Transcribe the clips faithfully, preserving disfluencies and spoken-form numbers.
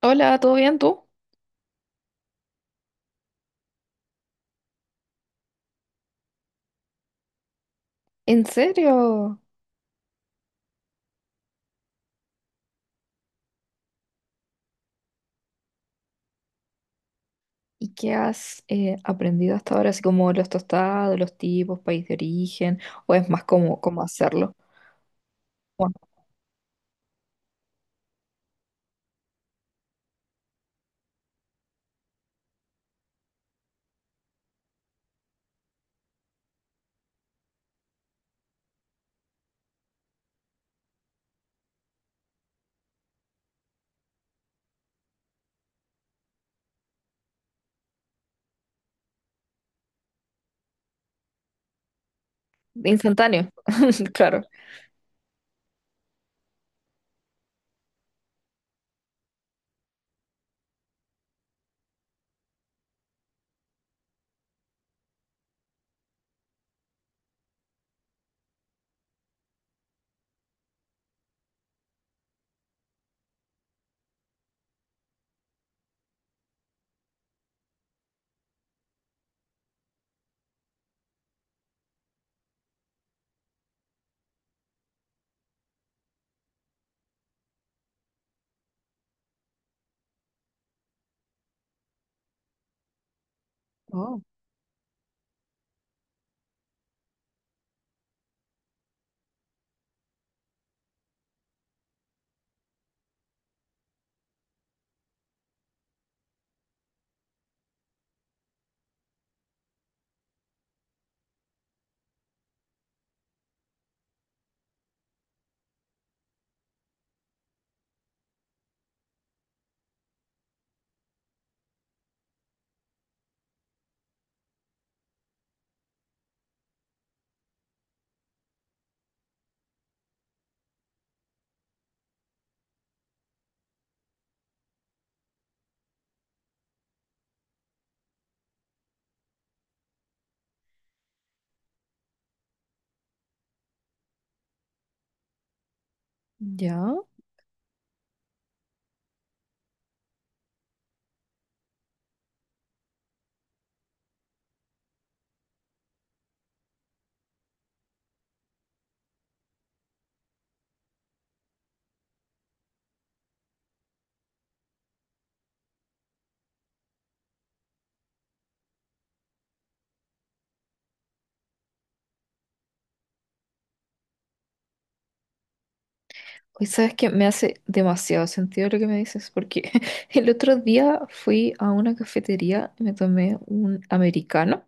Hola, ¿todo bien tú? ¿En serio? ¿Y qué has eh, aprendido hasta ahora? Así como los tostados, los tipos, país de origen, o es más como cómo hacerlo. Bueno, instantáneo, claro. Oh, ya. Hoy sabes que me hace demasiado sentido lo que me dices, porque el otro día fui a una cafetería y me tomé un americano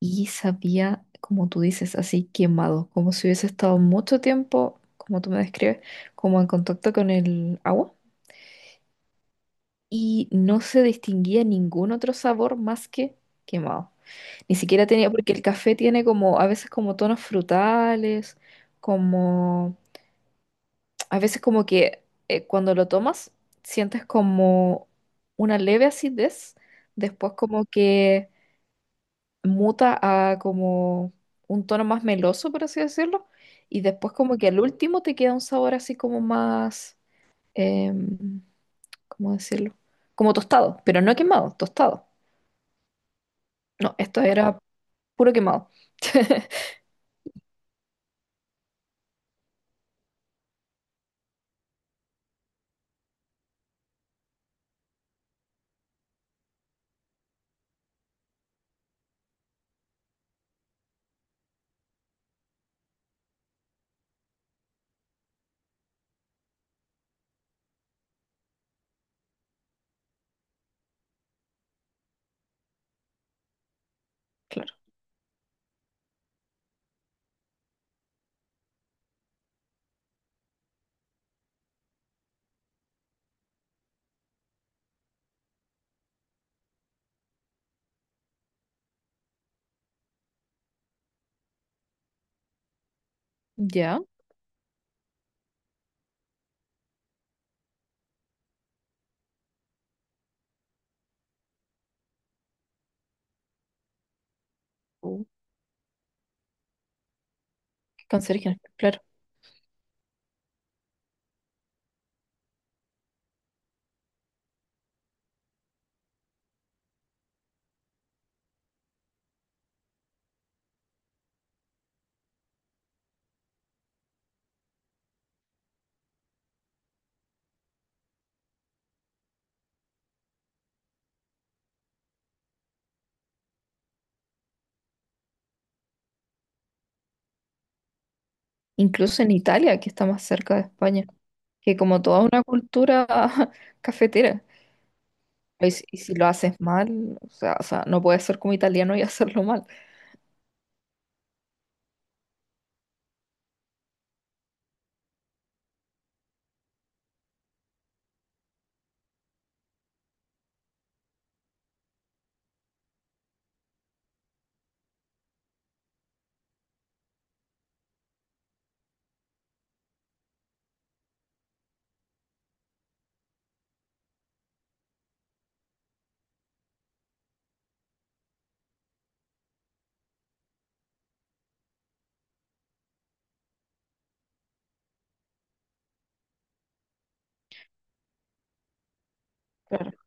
y sabía, como tú dices, así quemado, como si hubiese estado mucho tiempo, como tú me describes, como en contacto con el agua. Y no se distinguía ningún otro sabor más que quemado. Ni siquiera tenía, porque el café tiene como a veces como tonos frutales, como a veces como que eh, cuando lo tomas sientes como una leve acidez, después como que muta a como un tono más meloso, por así decirlo, y después como que al último te queda un sabor así como más, em, ¿cómo decirlo? Como tostado, pero no quemado, tostado. No, esto era puro quemado. Claro. Ya. Uh, qué cancerígeno, claro. Incluso en Italia, que está más cerca de España, que como toda una cultura cafetera. Y si, y si lo haces mal, o sea, o sea, no puedes ser como italiano y hacerlo mal. Claro.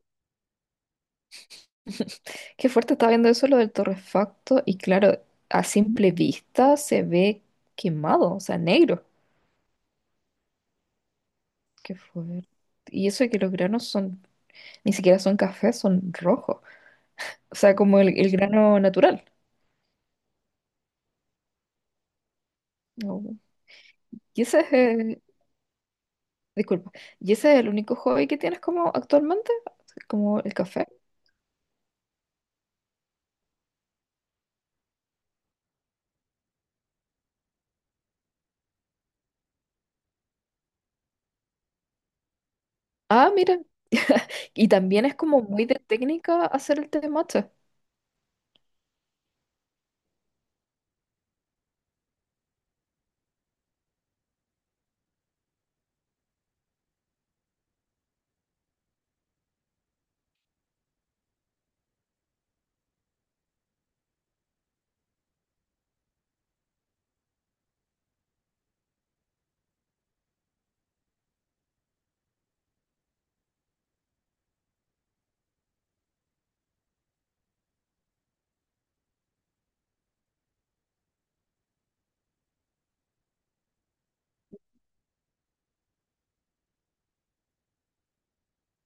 Qué fuerte está viendo eso lo del torrefacto. Y claro, a simple vista se ve quemado, o sea, negro. Qué fuerte. Y eso de que los granos son, ni siquiera son cafés, son rojos. O sea, como el, el grano natural. Y ese es, eh, disculpa, ¿y ese es el único hobby que tienes como actualmente? Como el café. Ah, mira. Y también es como muy de técnica hacer el té de matcha.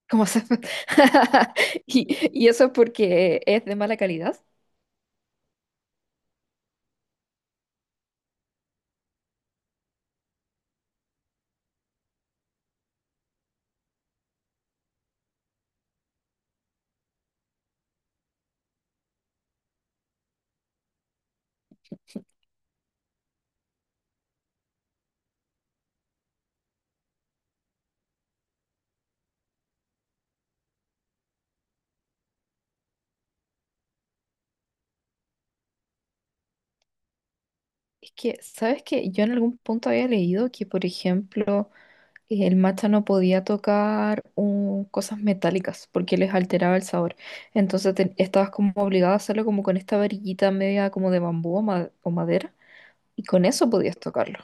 ¿Cómo se Y, y eso porque es de mala calidad. Es que, ¿sabes qué? Yo en algún punto había leído que, por ejemplo, el matcha no podía tocar un- cosas metálicas porque les alteraba el sabor. Entonces te- estabas como obligado a hacerlo como con esta varillita media como de bambú o ma- o madera. Y con eso podías tocarlo.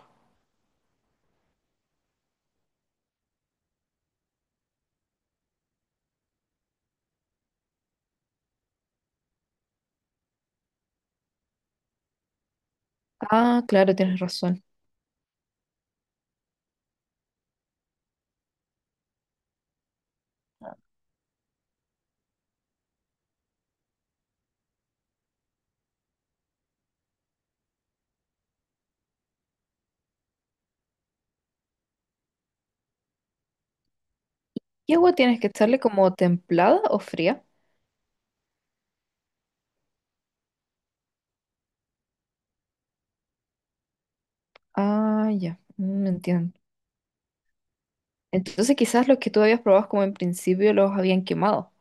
Ah, claro, tienes razón. ¿Y agua tienes que echarle como templada o fría? Ah, ya, me entiendo. Entonces quizás los que tú habías probado como en principio los habían quemado.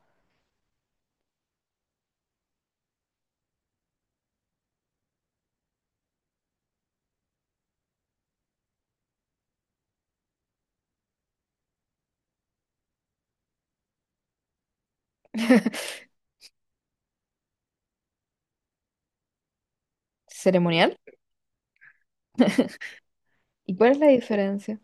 ¿Ceremonial? ¿Y cuál es la diferencia?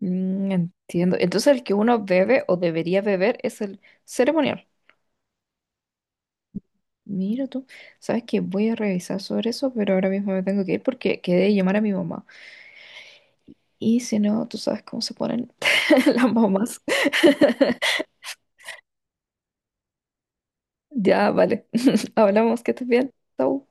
Mm, entiendo. Entonces el que uno bebe o debería beber es el ceremonial. Mira tú, sabes que voy a revisar sobre eso, pero ahora mismo me tengo que ir porque quedé de llamar a mi mamá. Y si no, tú sabes cómo se ponen las mamás. Ya, vale. Hablamos, que estés bien. Chau.